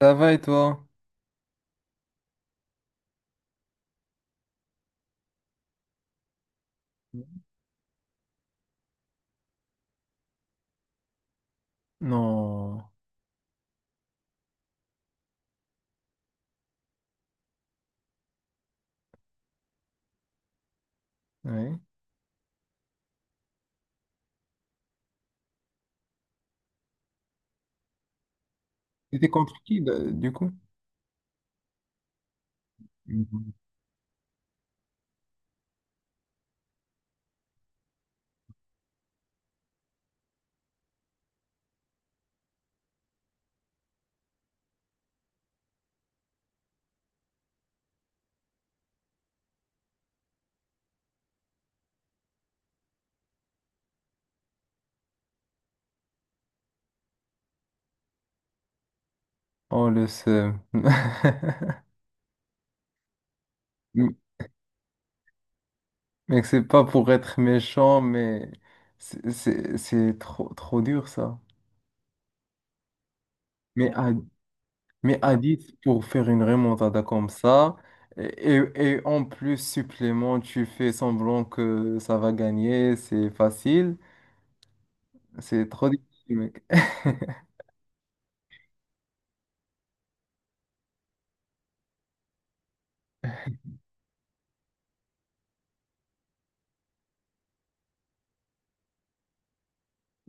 Ça va et toi? Non. Ouais. C'était contre qui là, du coup? Mhm. Oh le seum. M- Mec, c'est pas pour être méchant, mais c'est trop dur ça. Mais à, mais à 10 pour faire une remontada comme ça, et, et en plus supplément, tu fais semblant que ça va gagner, c'est facile, c'est trop difficile, mec.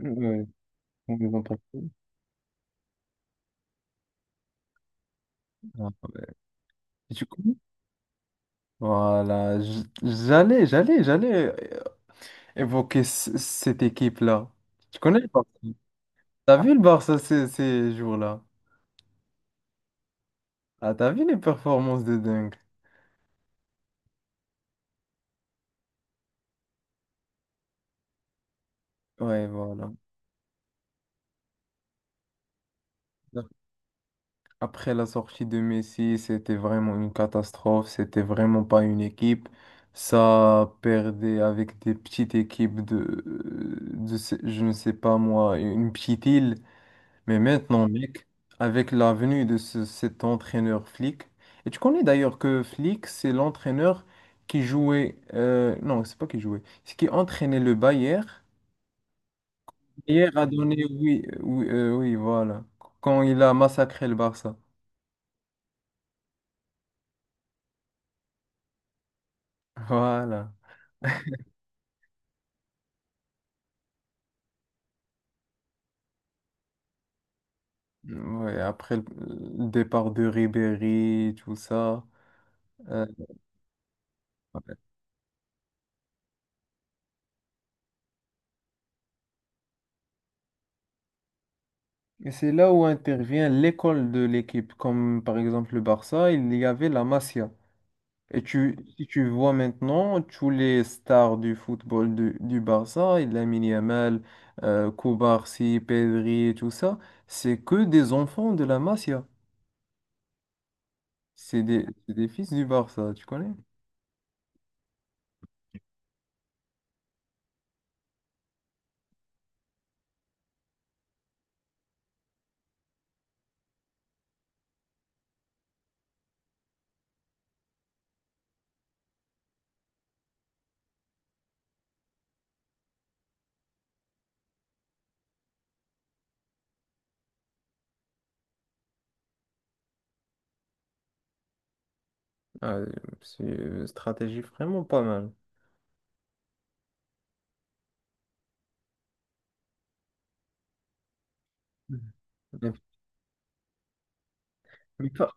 Ouais, on est dans Ah, ouais. Et tu voilà, j'allais euh, évoquer cette équipe-là. Tu connais le Barça? T'as vu le Barça ces jours-là? Ah, t'as vu les performances de dingue? Ouais, voilà. Après la sortie de Messi, c'était vraiment une catastrophe. C'était vraiment pas une équipe. Ça perdait avec des petites équipes de je ne sais pas moi, une petite île. Mais maintenant, mec, avec la venue de cet entraîneur Flick, et tu connais d'ailleurs que Flick, c'est l'entraîneur qui jouait, non, c'est pas qui jouait, c'est qui entraînait le Bayern. Hier a donné, oui, voilà, quand il a massacré le Barça. Voilà. Ouais, après le départ de Ribéry, tout ça. euh, ouais. Et c'est là où intervient l'école de l'équipe. Comme par exemple le Barça, il y avait la Masia. Si tu vois maintenant, tous les stars du football du Barça, Lamine Yamal, Koubarsi, Pedri, et tout ça, c'est que des enfants de la Masia. C'est des fils du Barça, tu connais? Ah, c'est une stratégie vraiment pas mal. Mhm. Mais, mais pas-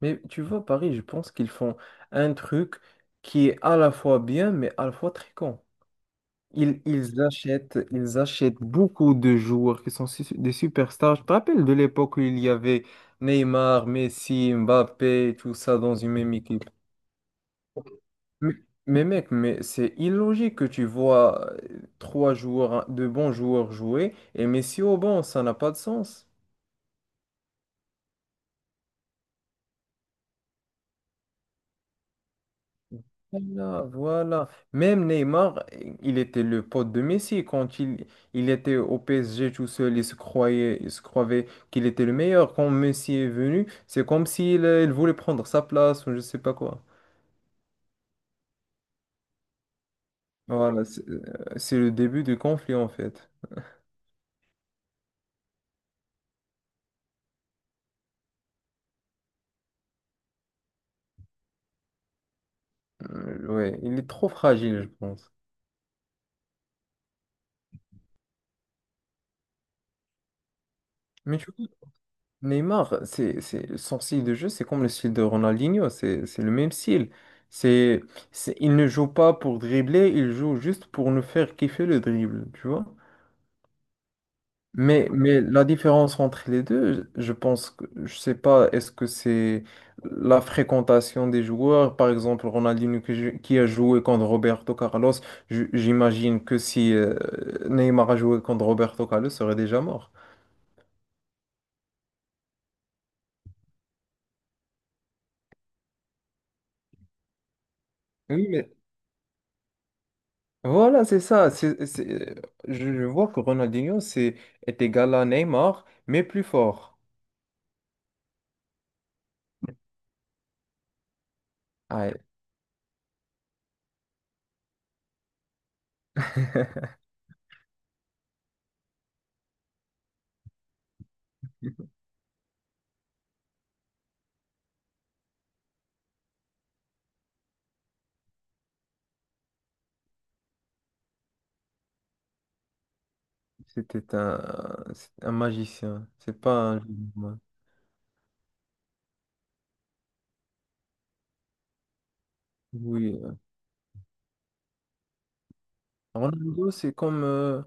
Mais tu vois, Paris, je pense qu'ils font un truc qui est à la fois bien, mais à la fois très con. Ils achètent beaucoup de joueurs qui sont des superstars. Je te rappelle de l'époque où il y avait Neymar, Messi, Mbappé, tout ça dans une même équipe. Mais, mais mec, mais c'est illogique que tu vois trois joueurs, de bons joueurs jouer et Messi au banc, ça n'a pas de sens. Voilà. Même Neymar, il était le pote de Messi il était au PSG tout seul, il se croyait qu'il était le meilleur. Quand Messi est venu, c'est comme s'il il voulait prendre sa place ou je sais pas quoi. Voilà, c'est le début du conflit en fait. Ouais, il est trop fragile, je pense. Mais tu Neymar, son style de jeu, c'est comme le style de Ronaldinho, c'est le même style. C'est, il ne joue pas pour dribbler, il joue juste pour nous faire kiffer le dribble, tu vois. Mais la différence entre les deux, je pense que, je sais pas, est-ce que c'est la fréquentation des joueurs, par exemple Ronaldinho qui a joué contre Roberto Carlos, j'imagine que si Neymar a joué contre Roberto Carlos, il serait déjà mort. Oui, mais voilà, c'est ça. Je vois que Ronaldinho est égal à Neymar, mais plus fort. Ah, c'est un magicien. C'est pas un joueur. Oui. Ronaldo, c'est comme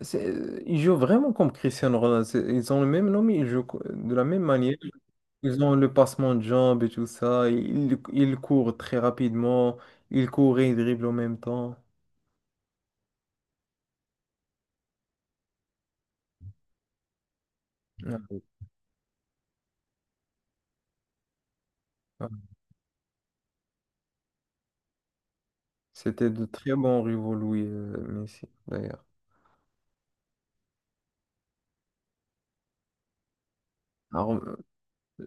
il joue vraiment comme Cristiano Ronaldo. C'est- Ils ont le même nom, mais ils jouent de la même manière. Ils ont le passement de jambes et tout ça. Ils courent très rapidement. Ils courent et ils dribblent en même temps. Ouais. Ouais. C'était de très bons rivaux, Louis Messi, d'ailleurs. Alors,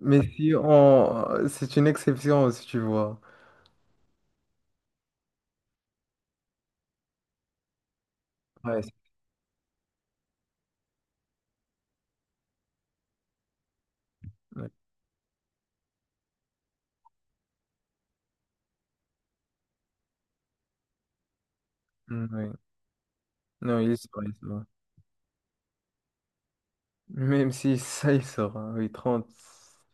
mais si on... C'est une exception, si tu vois. Ouais, c'est- ouais. Mm, oui. Non, il sort. Même si ça, il sort, hein. Oui,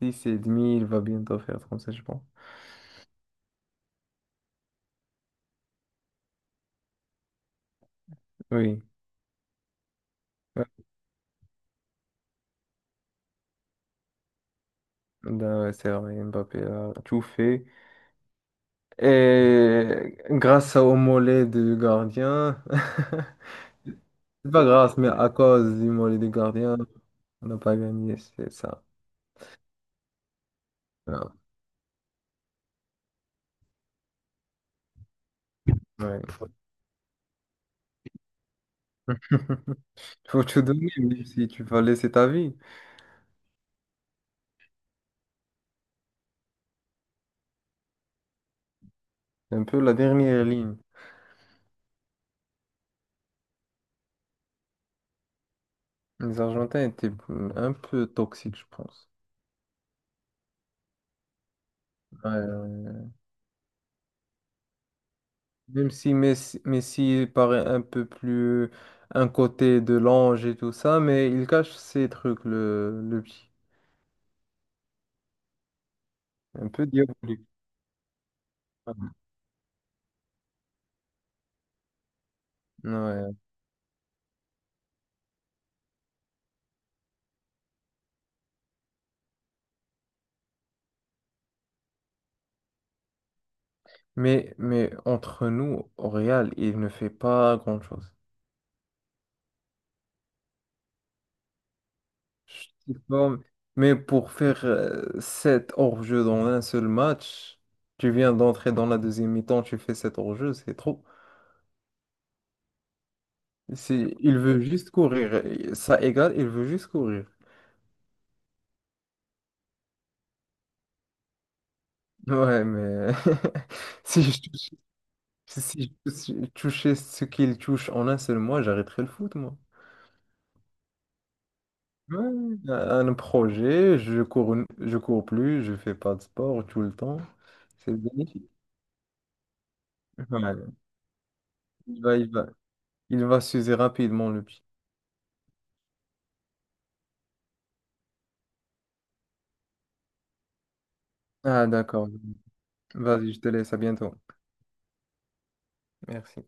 six et demi, il va bientôt faire 37, je pense. Oui. Ouais. Ben ouais, c'est vrai, Mbappé a tout fait. Et grâce au mollet du gardien, c'est pas grâce, mais à cause du mollet du gardien, on n'a pas gagné, c'est ça. Ah, ouais. Faut tout donner, même si tu vas laisser ta vie. C'est un peu la dernière ligne. Les Argentins étaient un peu toxiques, je pense. Ouais, ouais. Même si Messi paraît un peu plus un côté de l'ange et tout ça, mais il cache ses trucs, le petit. Un peu diabolique. Ouais. Ouais. Mais entre nous, au Real, il ne fait pas grand-chose. Je sais pas, bon. Mais pour faire sept hors-jeu dans un seul match, tu viens d'entrer dans la deuxième mi-temps, tu fais sept hors-jeu, c'est trop. C'est, il veut juste courir. Ça égale, il veut juste courir. Ouais, mais si je touche- si je touche- touchais ce qu'il touche en un seul mois, j'arrêterais le foot, moi. Ouais, un projet, je cours, je cours plus, je fais pas de sport tout le temps. C'est bénéfique. Ouais. Il va, il va, il va s'user rapidement, le pied. Ah, d'accord. Vas-y, je te laisse. À bientôt. Merci.